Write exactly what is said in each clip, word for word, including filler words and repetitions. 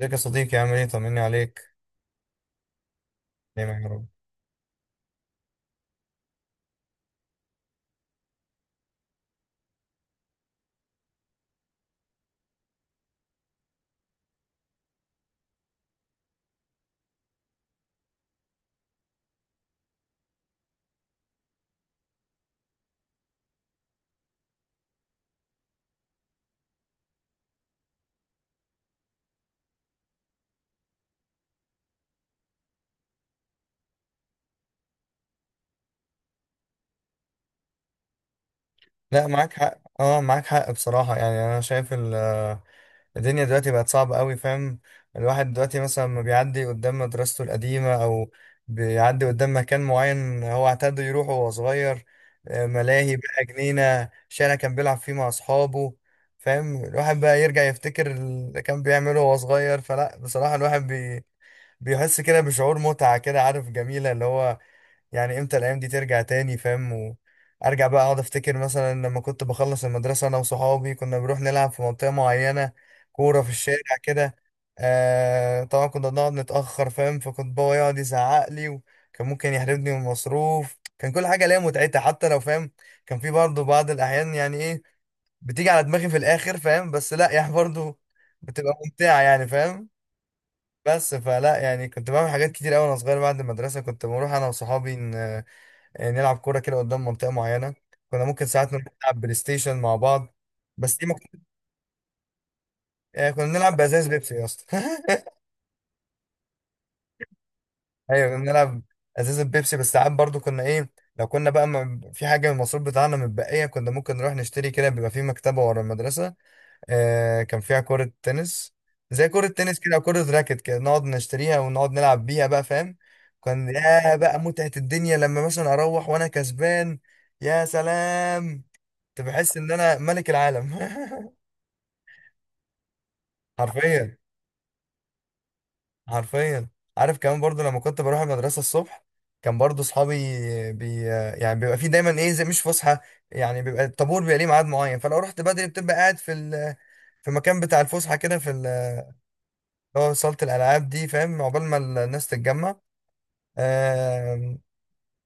ازيك يا صديقي، عامل ايه؟ طمني عليك. دايما يا رب. لا، معاك حق، اه معاك حق، بصراحة يعني انا شايف ال- الدنيا دلوقتي بقت صعبة قوي، فاهم؟ الواحد دلوقتي مثلا ما بيعدي قدام مدرسته القديمة او بيعدي قدام مكان معين هو اعتاد يروحه وهو صغير، آه، ملاهي بقى، جنينة، شارع كان بيلعب فيه مع اصحابه، فاهم؟ الواحد بقى يرجع يفتكر اللي كان بيعمله وهو صغير. فلا بصراحة الواحد بي بيحس كده بشعور متعة كده، عارف، جميلة اللي هو يعني امتى الايام دي ترجع تاني؟ فاهم؟ وارجع بقى اقعد افتكر مثلا لما كنت بخلص المدرسه انا وصحابي كنا بنروح نلعب في منطقه معينه، كوره في الشارع كده. آه طبعا كنا بنقعد نتاخر، فاهم؟ فكنت بابا يقعد يزعق لي وكان ممكن يحرمني من المصروف. كان كل حاجه ليها متعتها حتى لو، فاهم؟ كان في برضه بعض الاحيان يعني ايه، بتيجي على دماغي في الاخر، فاهم؟ بس لا يعني برضه بتبقى ممتعه يعني، فاهم؟ بس فلا يعني كنت بعمل حاجات كتير قوي وانا صغير. بعد المدرسه كنت بروح انا وصحابي آه، نلعب كورة كده قدام منطقة معينة. كنا ممكن ساعات نروح نلعب بلاي ستيشن مع بعض. بس دي ما كن-. آه، كنا بنلعب بأزاز بيبسي يا اسطى. ايوه، كنا بنلعب ازاز البيبسي، بس ساعات برضو كنا ايه، لو كنا بقى م- في حاجه من المصروف بتاعنا متبقيه كنا ممكن نروح نشتري كده، بيبقى في مكتبه ورا المدرسه. آه كان فيها كره تنس، زي كره تنس كده أو كره راكت كده، نقعد نشتريها ونقعد نلعب بيها بقى، فاهم؟ كان يا بقى متعه الدنيا لما مثلا اروح وانا كسبان. يا سلام. كنت بحس ان انا ملك العالم. حرفيا. حرفيا. عارف، كمان برضو لما كنت بروح المدرسه الصبح، كان برضو اصحابي بي يعني بيبقى في دايما ايه زي مش فسحه. يعني بيبقى الطابور، بيبقى ليه ميعاد معين، فلو رحت بدري بتبقى قاعد في ال... في مكان بتاع الفسحه كده، في ال- اللي هو صاله الالعاب دي، فاهم؟ عقبال ما الناس تتجمع. آم،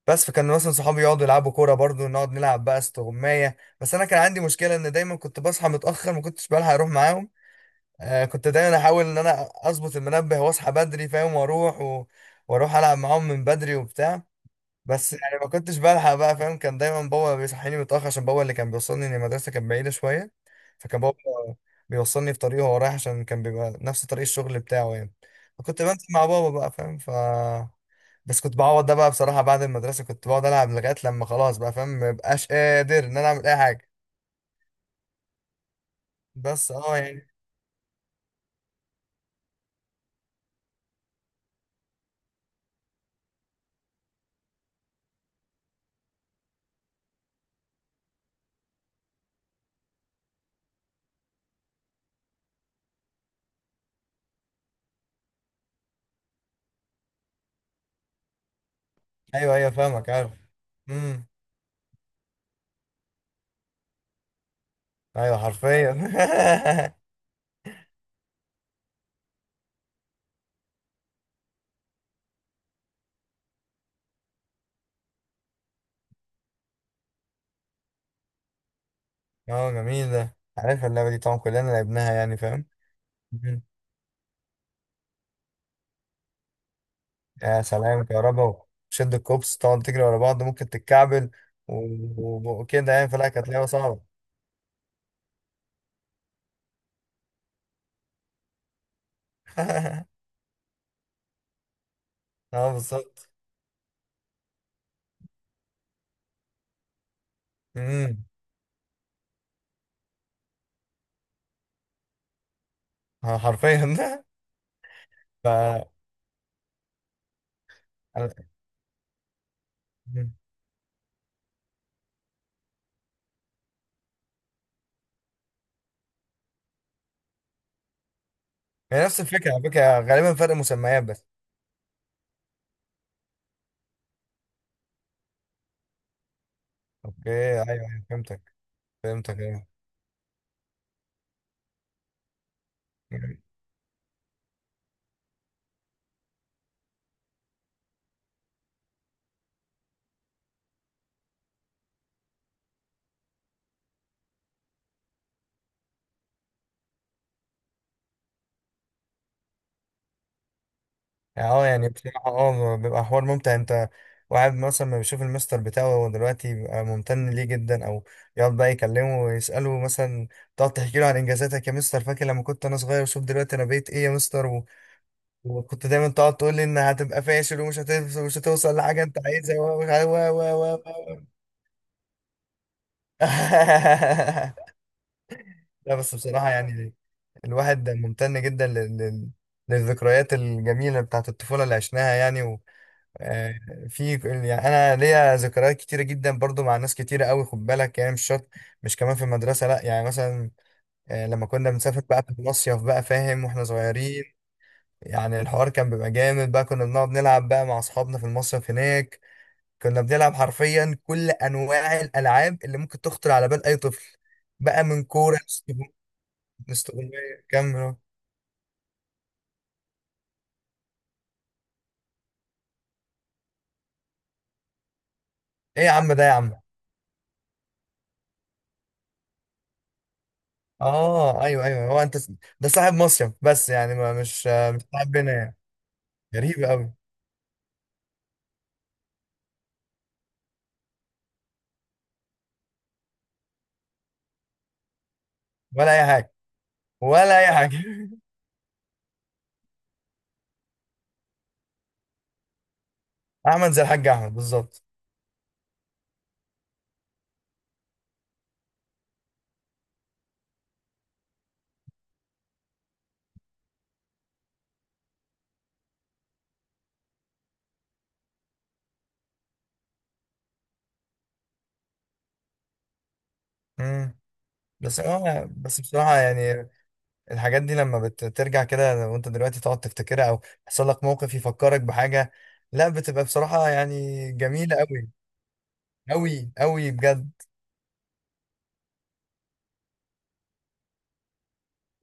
بس فكان مثلا صحابي يقعدوا يلعبوا كوره، برضو نقعد نلعب بقى استغمايه. بس انا كان عندي مشكله ان دايما كنت بصحى متاخر، ما كنتش بلحق اروح معاهم. آه، كنت دايما احاول ان انا اظبط المنبه واصحى بدري، فاهم؟ واروح و... واروح العب معاهم من بدري وبتاع. بس يعني ما كنتش بلحق بقى، فاهم؟ كان دايما بابا بيصحيني متاخر عشان بابا اللي كان بيوصلني، إن المدرسه كانت بعيده شويه. فكان بابا بيوصلني في طريقه وهو رايح عشان كان بيبقى نفس طريق الشغل بتاعه يعني. فكنت بنزل مع بابا بقى، فاهم؟ ف بس كنت بعوض ده بقى بصراحه. بعد المدرسه كنت بقعد العب لغايه لما خلاص بقى، فاهم؟ مبقاش قادر ان انا اعمل اي حاجه. بس اه يعني. ايوه، ايوه، فاهمك. عارف. ايوه، حرفيا. اه، جميل ده. عارف اللعبه دي؟ طبعا كلنا لعبناها يعني، فاهم؟ مم. يا سلام، كهربا. شد الكوبس، تقعد تجري ورا بعض ممكن تتكعبل، و- و- وكده يعني، فلا كانت لعبه صعبه. اه، بالظبط. امم. آه، حرفيا. ده ف أنا- مم. هي نفس الفكره، على فكره، غالبا فرق مسميات بس. اوكي. ايوه، أيوة، فهمتك. فهمتك، ايوه. يعني اه يعني بصراحة اه بيبقى حوار ممتع. انت واحد مثلا ما بيشوف المستر بتاعه هو دلوقتي، بيبقى ممتن ليه جدا، او يقعد بقى يكلمه ويسأله مثلا، تقعد تحكي له عن انجازاتك يا مستر، فاكر لما كنت انا صغير؟ وشوف دلوقتي انا بقيت ايه يا مستر، و... وكنت دايما تقعد تقول لي ان هتبقى فاشل ومش هتوصل، مش هتوصل لحاجة انت عايزها و... و... و... و... و... لا، بس بصراحة يعني الواحد ممتن جدا لل... لل... للذكريات الجميلة بتاعت الطفولة اللي عشناها يعني. آه، في يعني انا ليا ذكريات كتيره جدا برضو مع ناس كتيره قوي، خد بالك، يعني مش شرط مش كمان في المدرسه، لا يعني مثلا آه، لما كنا بنسافر بقى في المصيف بقى فاهم واحنا صغيرين، يعني الحوار كان بيبقى جامد بقى، كنا بنقعد نلعب بقى مع اصحابنا في المصيف هناك. كنا بنلعب حرفيا كل انواع الالعاب اللي ممكن تخطر على بال اي طفل، بقى من كوره، استغماية، كمل. ايه يا عم، ده يا عم. اه، ايوه، ايوه، هو انت ده صاحب مصيف بس يعني ما مش مش صاحب بنا يعني. غريب قوي. ولا اي حاجه. ولا اي حاجه. احمد، زي الحاج احمد بالظبط. امم. بس هو بس بصراحه يعني الحاجات دي لما بترجع كده وانت دلوقتي تقعد تفتكرها، او يحصل لك موقف يفكرك بحاجه، لا بتبقى بصراحه يعني جميله قوي، قوي قوي، بجد.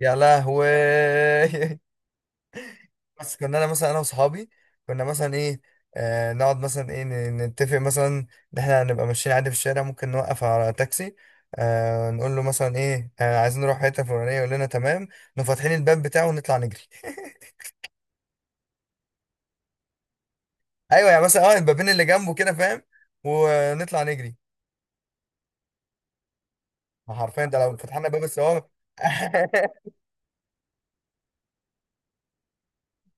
يا لهوي. بس كنا انا مثلا، انا واصحابي كنا مثلا ايه، آه نقعد مثلا ايه ن- نتفق مثلا ان احنا هنبقى ماشيين عادي في الشارع، ممكن نوقف على تاكسي، آه نقول له مثلا ايه، آه عايزين نروح حته فلانيه، يقول لنا تمام، نقوم فاتحين الباب بتاعه ونطلع نجري. ايوه، يعني مثلا اه البابين اللي جنبه كده، فاهم؟ ونطلع نجري. ما حرفيا ده لو فتحنا باب السواق.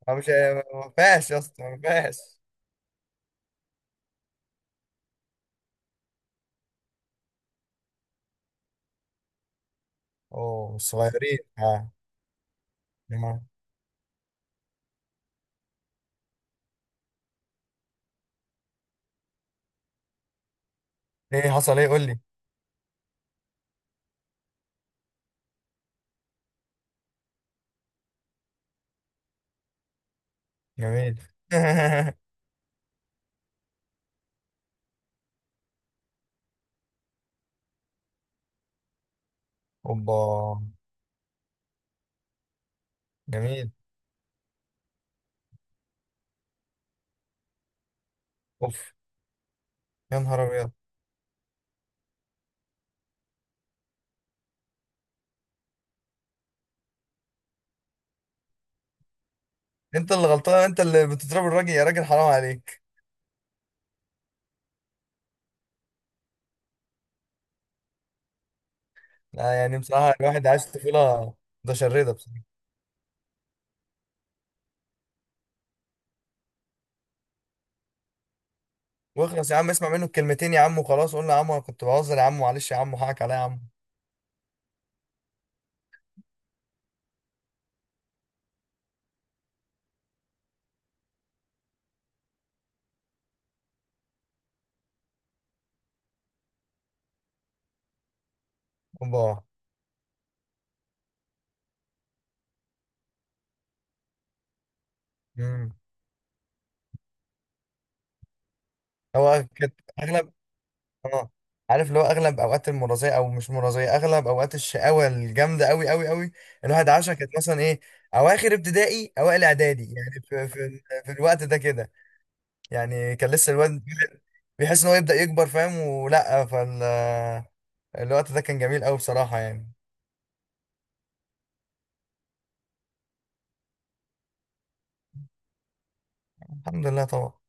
هو مش هي- ما فيهاش يا اسطى، ما فيهاش. اوه، صغيرين، اه. آه. ايه؟ حصل ايه؟ قول لي. جميل. اوبا. جميل. اوف. يا نهار ابيض. انت اللي غلطان، انت اللي بتضرب الراجل، يا راجل حرام عليك. لا يعني بصراحه الواحد عايش طفوله متشرده بصراحه. واخلص يا عم، اسمع منه الكلمتين يا عم وخلاص، قول له يا عم انا كنت بهزر يا عم، معلش يا عم، حقك عليا يا عم. اوبا. امم. هو كانت اغلب. اه. عارف، اللي هو اغلب اوقات المرضيه او مش مرضيه، اغلب اوقات الشقاوه الجامده قوي قوي قوي، الواحد عاشها، كانت مثلا ايه، اواخر ابتدائي، اوائل اعدادي يعني في, في, في الوقت ده كده. يعني كان لسه الواد بيحس ان هو يبدأ يكبر، فاهم؟ ولا فال الوقت ده كان جميل قوي بصراحة يعني. الحمد لله طبعا.